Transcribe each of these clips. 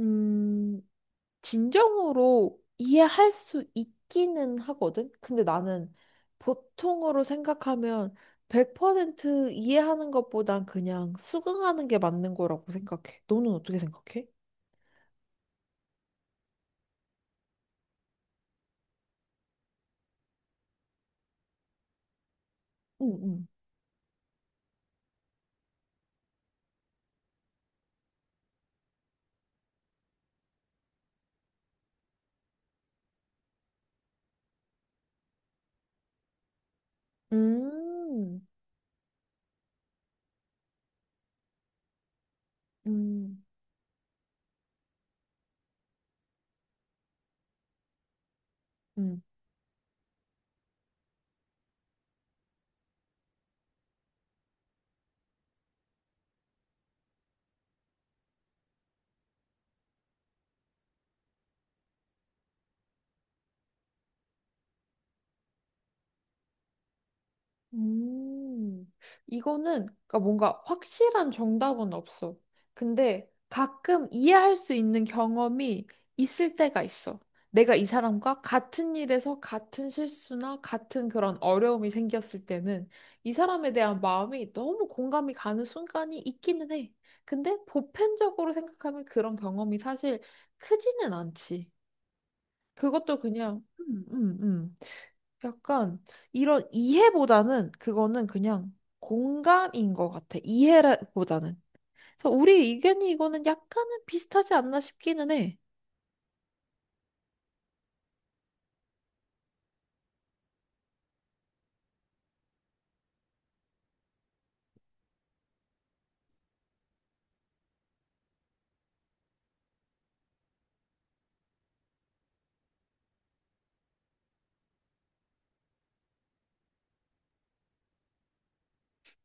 음, 진정으로 이해할 수 있기는 하거든? 근데 나는 보통으로 생각하면 100% 이해하는 것보단 그냥 수긍하는 게 맞는 거라고 생각해. 너는 어떻게 생각해? 응, 응. 음, 음, 음. 음, 이거는 그러니까 뭔가 확실한 정답은 없어. 근데 가끔 이해할 수 있는 경험이 있을 때가 있어. 내가 이 사람과 같은 일에서 같은 실수나 같은 그런 어려움이 생겼을 때는 이 사람에 대한 마음이 너무 공감이 가는 순간이 있기는 해. 근데 보편적으로 생각하면 그런 경험이 사실 크지는 않지. 그것도 그냥, 약간 이런 이해보다는 그거는 그냥 공감인 것 같아. 이해보다는. 그래서 우리 의견이 이거는 약간은 비슷하지 않나 싶기는 해.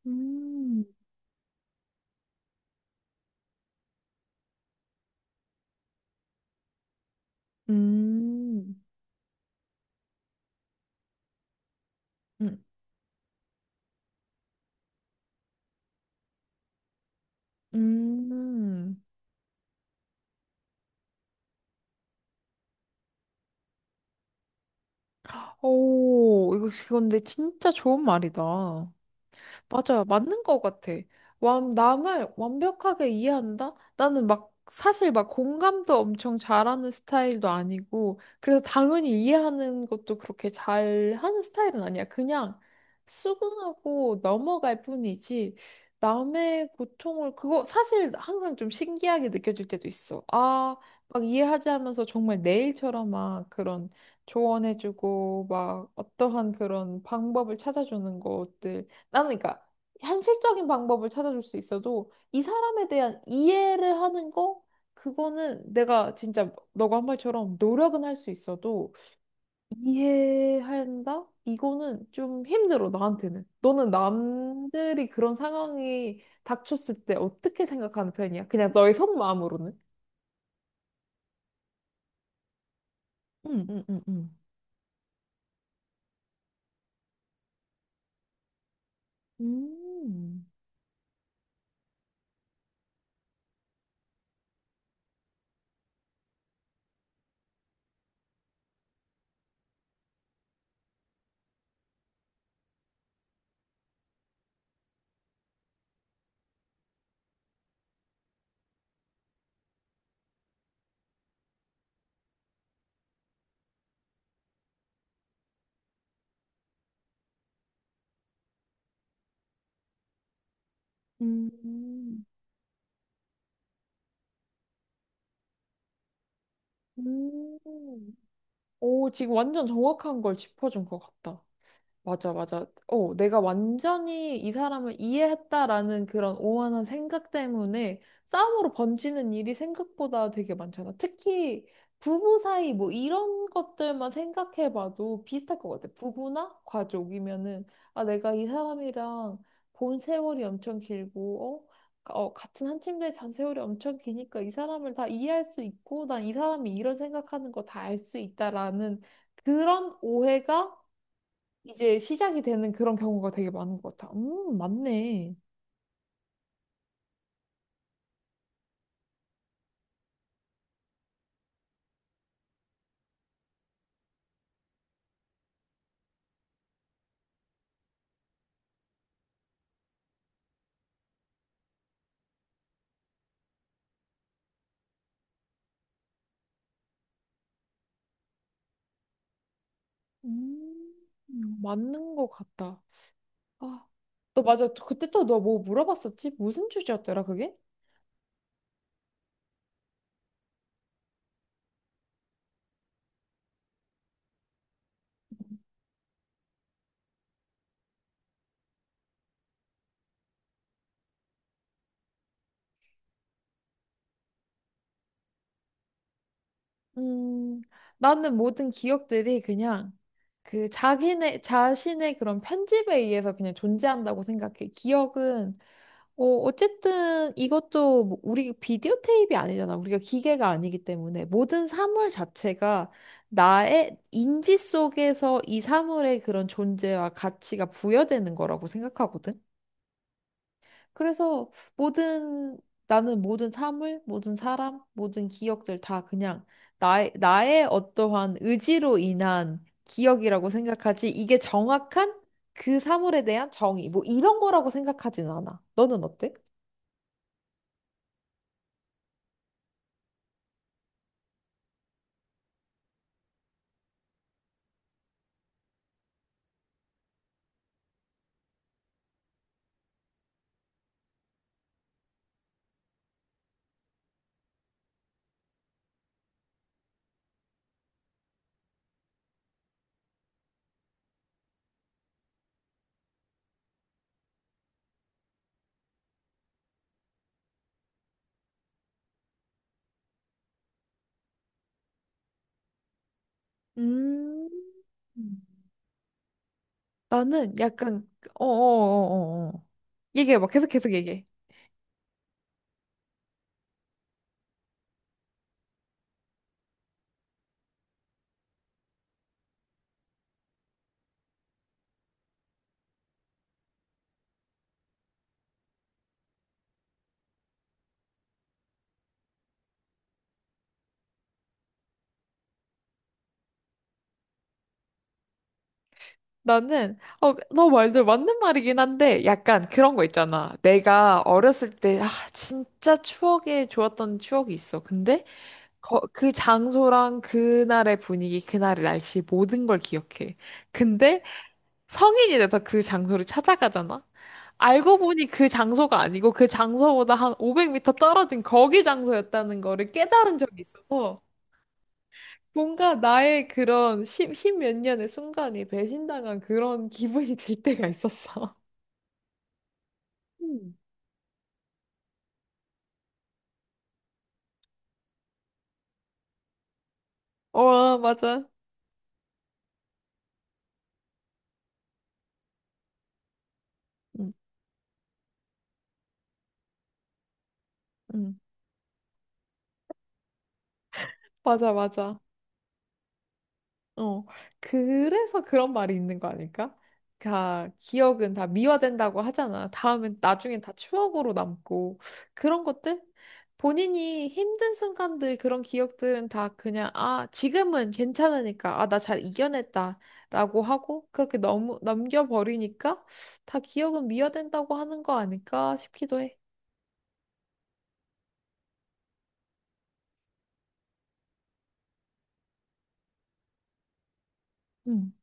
음, 음, 음. 음. 오, 이거 근데 진짜 좋은 말이다. 맞아요. 맞는 것 같아. 남을 완벽하게 이해한다? 나는 막, 사실 막 공감도 엄청 잘하는 스타일도 아니고, 그래서 당연히 이해하는 것도 그렇게 잘하는 스타일은 아니야. 그냥 수긍하고 넘어갈 뿐이지, 남의 고통을, 그거 사실 항상 좀 신기하게 느껴질 때도 있어. 아, 막 이해하지 하면서 정말 내 일처럼 막 그런 조언해주고, 막 어떠한 그런 방법을 찾아주는 것들. 나는 그러니까 현실적인 방법을 찾아줄 수 있어도 이 사람에 대한 이해를 하는 거 그거는 내가 진짜 너가 한 말처럼 노력은 할 수 있어도 이해한다? 이거는 좀 힘들어 나한테는. 너는 남들이 그런 상황이 닥쳤을 때 어떻게 생각하는 편이야? 그냥 너의 속마음으로는? 응, 응, 응, 응. 음. 음, 음. 오, 지금 완전 정확한 걸 짚어준 것 같다. 맞아, 맞아. 어, 내가 완전히 이 사람을 이해했다라는 그런 오만한 생각 때문에 싸움으로 번지는 일이 생각보다 되게 많잖아. 특히 부부 사이 뭐 이런 것들만 생각해봐도 비슷할 것 같아. 부부나 가족이면은, 아, 내가 이 사람이랑 본 세월이 엄청 길고, 어? 어, 같은 한 침대에 잔 세월이 엄청 기니까 이 사람을 다 이해할 수 있고, 난 이 사람이 이런 생각하는 거 다 알 수 있다라는 그런 오해가 이제 시작이 되는 그런 경우가 되게 많은 것 같아. 맞네. 음, 맞는 것 같다. 아, 너 맞아. 그때 또 너 뭐 물어봤었지? 무슨 주제였더라, 그게? 음, 나는 모든 기억들이 그냥 그 자기네, 자신의 그런 편집에 의해서 그냥 존재한다고 생각해. 기억은, 어, 어쨌든 이것도 뭐 우리 비디오 테이프이 아니잖아. 우리가 기계가 아니기 때문에 모든 사물 자체가 나의 인지 속에서 이 사물의 그런 존재와 가치가 부여되는 거라고 생각하거든. 그래서 모든 나는 모든 사물, 모든 사람, 모든 기억들 다 그냥 나의, 나의 어떠한 의지로 인한 기억이라고 생각하지 이게 정확한 그 사물에 대한 정의 뭐 이런 거라고 생각하진 않아. 너는 어때? 음. 나는 약간 어어어어 얘기해봐 계속 계속 얘기해. 나는 어, 너 말도 맞는 말이긴 한데 약간 그런 거 있잖아. 내가 어렸을 때 아, 진짜 추억에 좋았던 추억이 있어. 근데 그 장소랑 그날의 분위기, 그날의 날씨 모든 걸 기억해. 근데 성인이 돼서 그 장소를 찾아가잖아. 알고 보니 그 장소가 아니고 그 장소보다 한 500m 떨어진 거기 장소였다는 거를 깨달은 적이 있어서 뭔가 나의 그런 십몇 년의 순간이 배신당한 그런 기분이 들 때가 있었어. 음. 어, 맞아. 응, 응. 맞아, 맞아. 어, 그래서 그런 말이 있는 거 아닐까? 다 기억은 다 미화된다고 하잖아. 다음엔 나중엔 다 추억으로 남고 그런 것들? 본인이 힘든 순간들 그런 기억들은 다 그냥 아, 지금은 괜찮으니까 아, 나 잘 이겨냈다라고 하고 그렇게 너무 넘겨버리니까 다 기억은 미화된다고 하는 거 아닐까 싶기도 해. 음.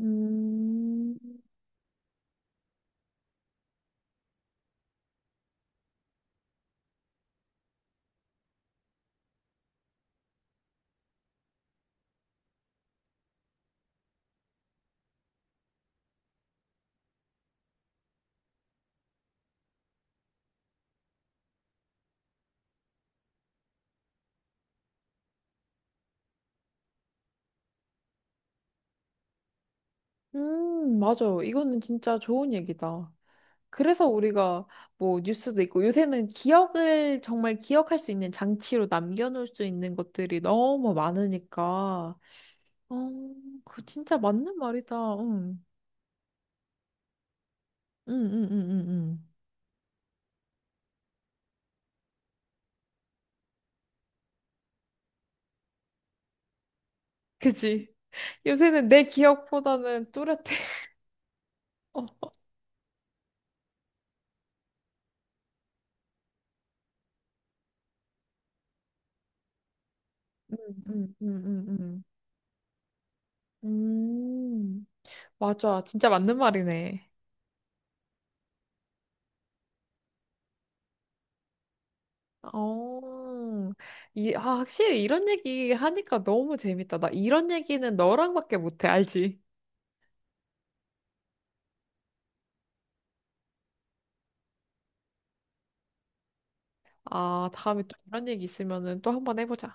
음, 맞아. 이거는 진짜 좋은 얘기다. 그래서 우리가 뭐 뉴스도 있고 요새는 기억을 정말 기억할 수 있는 장치로 남겨놓을 수 있는 것들이 너무 많으니까. 어, 그 진짜 맞는 말이다. 응, 응, 응, 응, 응. 응. 그지? 요새는 내 기억보다는 뚜렷해. 어, 응, 응, 응, 응, 응. 음, 맞아. 진짜 맞는 말이네. 어, 이, 아, 확실히 이런 얘기 하니까 너무 재밌다. 나 이런 얘기는 너랑밖에 못해, 알지? 아, 다음에 또 이런 얘기 있으면은 또 한번 해보자.